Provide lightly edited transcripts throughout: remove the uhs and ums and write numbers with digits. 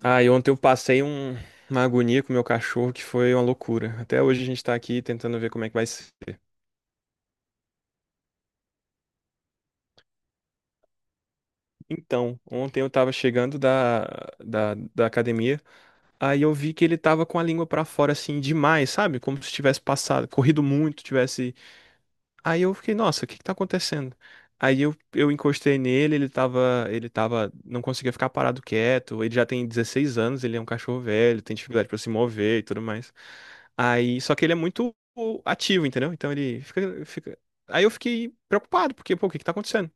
Ah, e ontem eu passei uma agonia com o meu cachorro que foi uma loucura. Até hoje a gente tá aqui tentando ver como é que vai ser. Então, ontem eu tava chegando da academia, aí eu vi que ele tava com a língua pra fora assim demais, sabe? Como se tivesse passado, corrido muito, tivesse. Aí eu fiquei, nossa, o que que tá acontecendo? Aí eu encostei nele, ele tava, não conseguia ficar parado quieto. Ele já tem 16 anos, ele é um cachorro velho, tem dificuldade pra se mover e tudo mais. Aí, só que ele é muito ativo, entendeu? Então ele fica, fica. Aí eu fiquei preocupado, porque, pô, o que que tá acontecendo?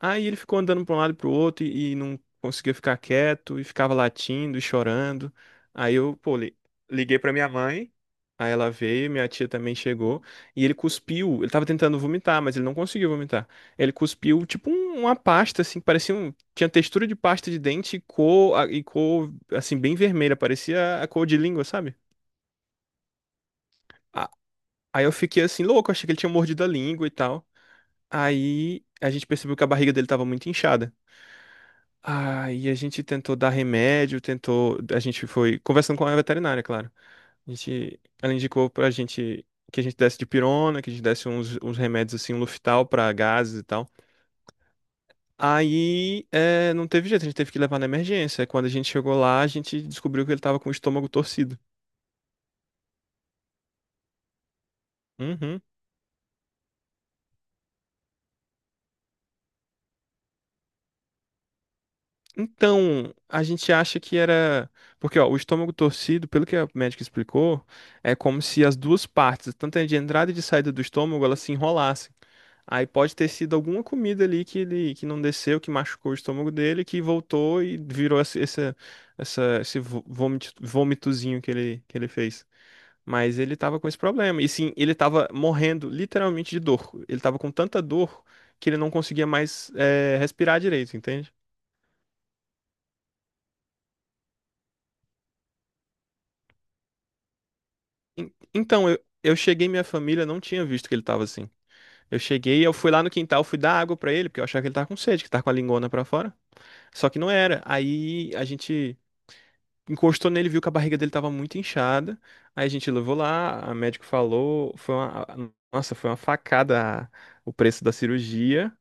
Aí ele ficou andando para um lado e pro outro e não conseguia ficar quieto e ficava latindo e chorando. Aí eu, pô, liguei para minha mãe. Aí ela veio, minha tia também chegou, e ele cuspiu. Ele tava tentando vomitar, mas ele não conseguiu vomitar. Ele cuspiu tipo uma pasta assim, que parecia um, tinha textura de pasta de dente e cor, e cor assim bem vermelha, parecia a cor de língua, sabe? A- Aí eu fiquei assim louco, achei que ele tinha mordido a língua e tal. Aí a gente percebeu que a barriga dele tava muito inchada. Aí a gente tentou dar remédio, tentou. A gente foi conversando com a veterinária, claro. A gente, ela indicou pra gente que a gente desse dipirona, que a gente desse uns remédios assim, um Luftal pra gases e tal. Aí é, não teve jeito, a gente teve que levar na emergência. Quando a gente chegou lá, a gente descobriu que ele tava com o estômago torcido. Uhum. Então, a gente acha que era. Porque, ó, o estômago torcido, pelo que a médica explicou, é como se as duas partes, tanto a de entrada e de saída do estômago, elas se enrolassem. Aí pode ter sido alguma comida ali que ele que não desceu, que machucou o estômago dele, que voltou e virou esse vômitozinho que ele fez. Mas ele tava com esse problema. E sim, ele tava morrendo literalmente de dor. Ele tava com tanta dor que ele não conseguia mais respirar direito, entende? Então, eu cheguei, minha família não tinha visto que ele tava assim. Eu cheguei, eu fui lá no quintal, fui dar água pra ele, porque eu achava que ele tava com sede, que tava com a lingona pra fora. Só que não era. Aí a gente encostou nele, viu que a barriga dele tava muito inchada. Aí a gente levou lá, a médico falou, foi uma, nossa, foi uma facada, o preço da cirurgia.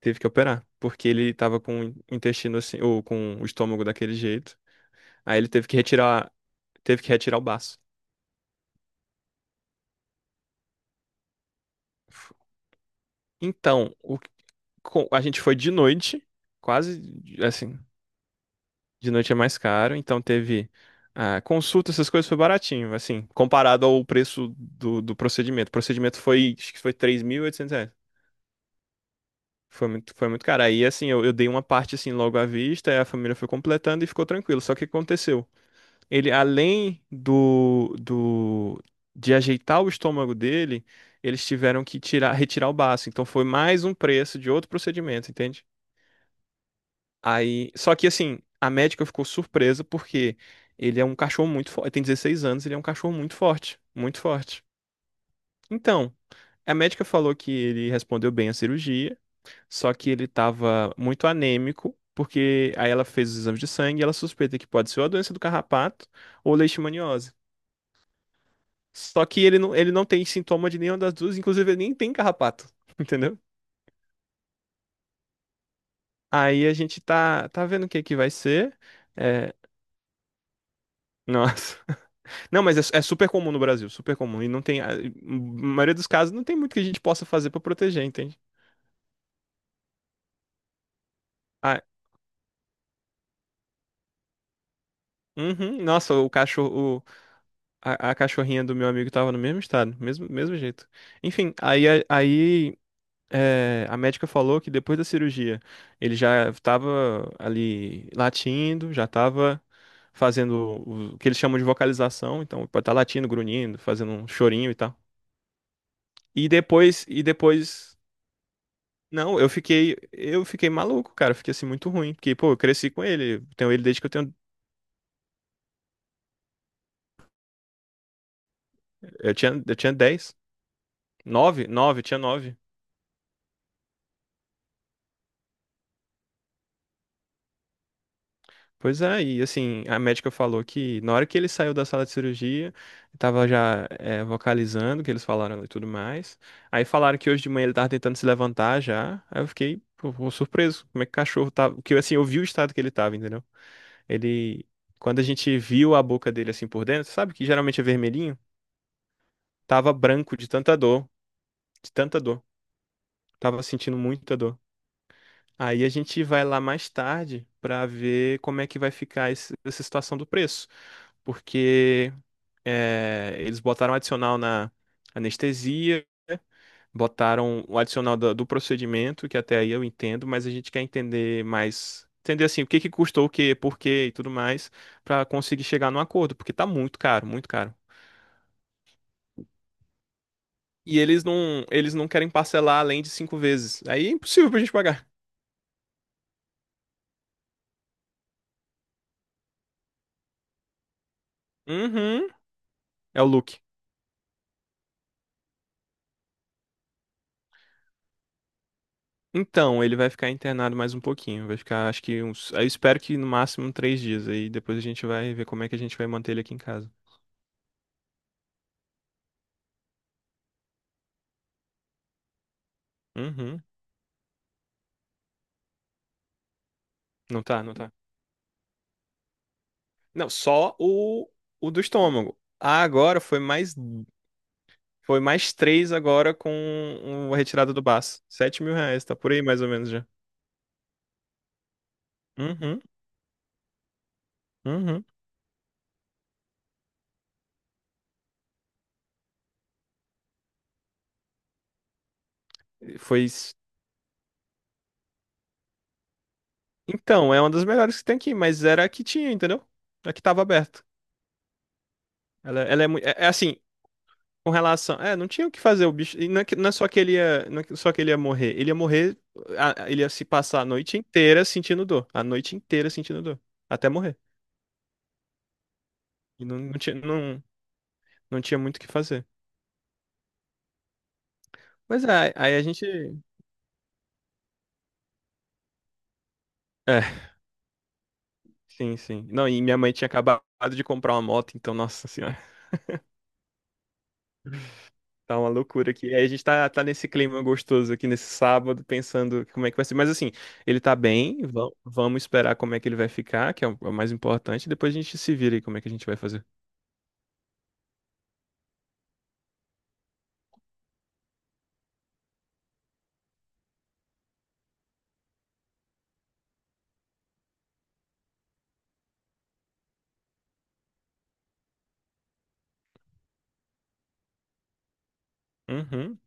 Teve que operar, porque ele tava com o intestino assim, ou com o estômago daquele jeito. Aí ele teve que retirar o baço. Então, o, a gente foi de noite, quase assim, de noite é mais caro, então teve ah, consulta, essas coisas foi baratinho, assim, comparado ao preço do procedimento. O procedimento foi, acho que foi R$ 3.800. Foi muito caro. Aí, assim, eu dei uma parte, assim, logo à vista, aí a família foi completando e ficou tranquilo. Só que o que aconteceu? Ele, além de ajeitar o estômago dele, eles tiveram que tirar, retirar o baço. Então, foi mais um preço de outro procedimento, entende? Aí, só que assim, a médica ficou surpresa porque ele é um cachorro muito forte, tem 16 anos, ele é um cachorro muito forte, muito forte. Então, a médica falou que ele respondeu bem à cirurgia, só que ele estava muito anêmico, porque aí ela fez os exames de sangue e ela suspeita que pode ser ou a doença do carrapato ou leishmaniose. Só que ele não tem sintoma de nenhuma das duas, inclusive ele nem tem carrapato, entendeu? Aí a gente tá, tá vendo o que que vai ser. É, nossa. Não, mas é, é super comum no Brasil, super comum. E não tem. A, na maioria dos casos, não tem muito que a gente possa fazer pra proteger, entende? Ah, uhum, nossa, o cachorro. A cachorrinha do meu amigo tava no mesmo estado, mesmo, mesmo jeito. Enfim, aí, aí é, a médica falou que depois da cirurgia ele já tava ali latindo, já tava fazendo o que eles chamam de vocalização. Então, pode estar latindo, grunhindo, fazendo um chorinho e tal. E depois, e depois. Não, eu fiquei maluco, cara. Eu fiquei assim muito ruim, porque pô, eu cresci com ele. Eu tenho ele desde que eu tenho, eu tinha dez, nove, nove, tinha 9. Pois é, e assim, a médica falou que na hora que ele saiu da sala de cirurgia, tava já é, vocalizando, o que eles falaram e tudo mais. Aí falaram que hoje de manhã ele tava tentando se levantar já. Aí eu fiquei, pô, surpreso, como é que o cachorro tava. Porque assim, eu vi o estado que ele tava, entendeu? Ele, quando a gente viu a boca dele assim por dentro, sabe que geralmente é vermelhinho? Tava branco de tanta dor. De tanta dor. Tava sentindo muita dor. Aí a gente vai lá mais tarde pra ver como é que vai ficar essa situação do preço. Porque é, eles botaram adicional na anestesia, botaram o adicional do procedimento, que até aí eu entendo, mas a gente quer entender mais. Entender assim, o que que custou o quê, por quê e tudo mais, pra conseguir chegar num acordo, porque tá muito caro, muito caro. E eles não querem parcelar além de 5 vezes. Aí é impossível pra gente pagar. Uhum. É o look. Então, ele vai ficar internado mais um pouquinho. Vai ficar, acho que uns. Eu espero que no máximo 3 dias. Aí depois a gente vai ver como é que a gente vai manter ele aqui em casa. Uhum. Não tá, não tá. Não, só o do estômago. Ah, agora foi mais. Foi mais três agora com a retirada do baço. R$ 7.000, tá por aí mais ou menos já. Uhum, uhum. Foi. Isso. Então, é uma das melhores que tem aqui, mas era a que tinha, entendeu? A que tava aberta. Ela é muito. É, é assim. Com relação. É, não tinha o que fazer o bicho. E não é, que- não é só que ele ia, não é que- só que ele ia morrer. Ele ia morrer. Ele ia se passar a noite inteira sentindo dor. A noite inteira sentindo dor. Até morrer. E não, não tinha, não, não tinha muito o que fazer. Mas é, aí a gente. É, sim, sim. Não, e minha mãe tinha acabado de comprar uma moto, então, nossa senhora, tá uma loucura aqui. Aí a gente tá, tá nesse clima gostoso aqui nesse sábado, pensando como é que vai ser. Mas assim, ele tá bem, vamos esperar como é que ele vai ficar, que é o mais importante. Depois a gente se vira aí como é que a gente vai fazer. Uhum.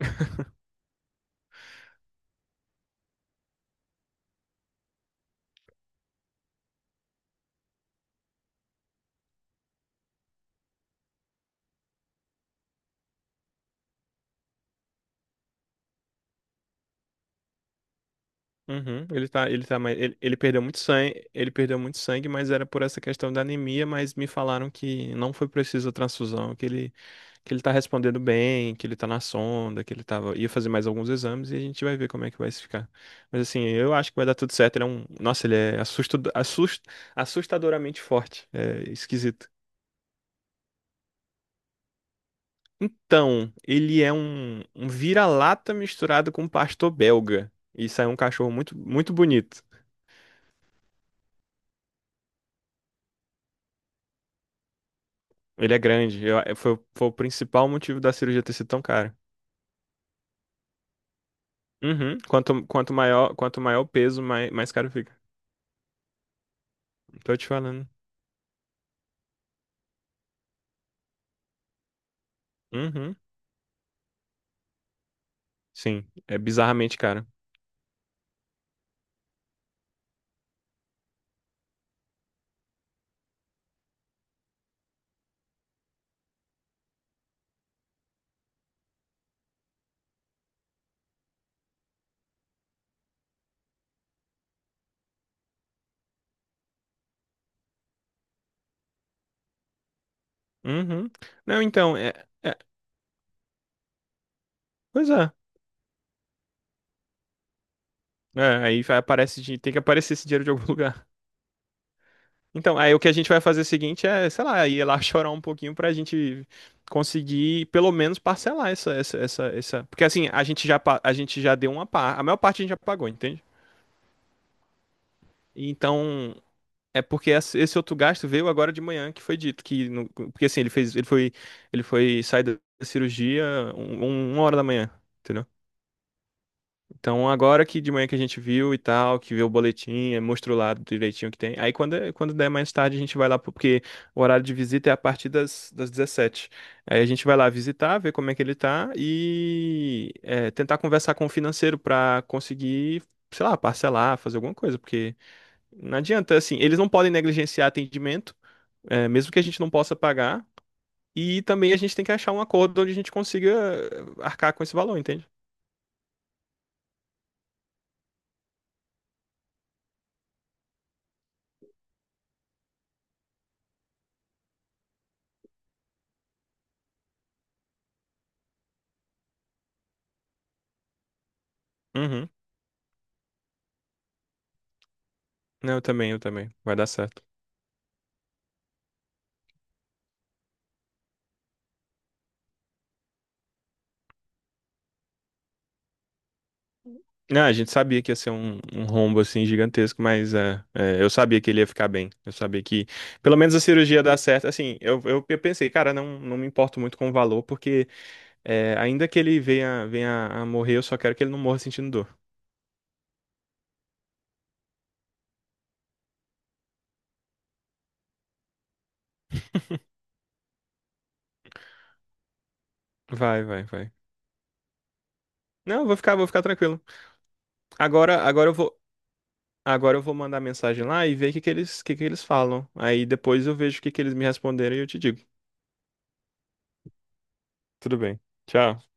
Uhum. Ele tá mais, ele perdeu muito sangue, ele perdeu muito sangue, mas era por essa questão da anemia, mas me falaram que não foi preciso a transfusão, que ele tá respondendo bem, que ele tá na sonda, que ele tava ia fazer mais alguns exames e a gente vai ver como é que vai se ficar. Mas assim, eu acho que vai dar tudo certo, ele é um, nossa, ele é assustadoramente forte, é esquisito. Então, ele é um, vira-lata misturado com um pastor belga. E saiu um cachorro muito, muito bonito. Ele é grande. Foi o principal motivo da cirurgia ter sido tão cara. Uhum. Quanto maior o peso, mais caro fica. Tô te falando. Uhum. Sim, é bizarramente caro. Uhum. Não, então, é, é- pois é. É, aí aparece, tem que aparecer esse dinheiro de algum lugar. Então, aí o que a gente vai fazer é o seguinte é, sei lá, ir lá chorar um pouquinho pra gente conseguir pelo menos parcelar essa. Porque assim, a gente já, a gente já deu uma parte, a maior parte a gente já pagou, entende? Então, é porque esse outro gasto veio agora de manhã que foi dito que no- porque assim ele foi sair da cirurgia um, uma hora da manhã, entendeu? Então agora que de manhã que a gente viu e tal, que viu o boletim, mostrou lá direitinho o que tem. Aí quando quando der mais tarde a gente vai lá porque o horário de visita é a partir das 17h. Aí a gente vai lá visitar, ver como é que ele tá e tentar conversar com o financeiro pra conseguir, sei lá, parcelar, fazer alguma coisa, porque não adianta assim, eles não podem negligenciar atendimento é, mesmo que a gente não possa pagar. E também a gente tem que achar um acordo onde a gente consiga arcar com esse valor, entende? Uhum. Não, eu também, eu também. Vai dar certo. Não, a gente sabia que ia ser um, um rombo assim gigantesco, mas eu sabia que ele ia ficar bem. Eu sabia que pelo menos a cirurgia ia dar certo. Assim, eu pensei, cara, não, não me importo muito com o valor, porque é, ainda que ele venha a morrer, eu só quero que ele não morra sentindo dor. Vai, vai, vai. Não, eu vou ficar tranquilo. Agora, agora eu vou, Agora eu vou mandar mensagem lá e ver o que que eles falam. Aí depois eu vejo o que que eles me responderem e eu te digo. Tudo bem. Tchau.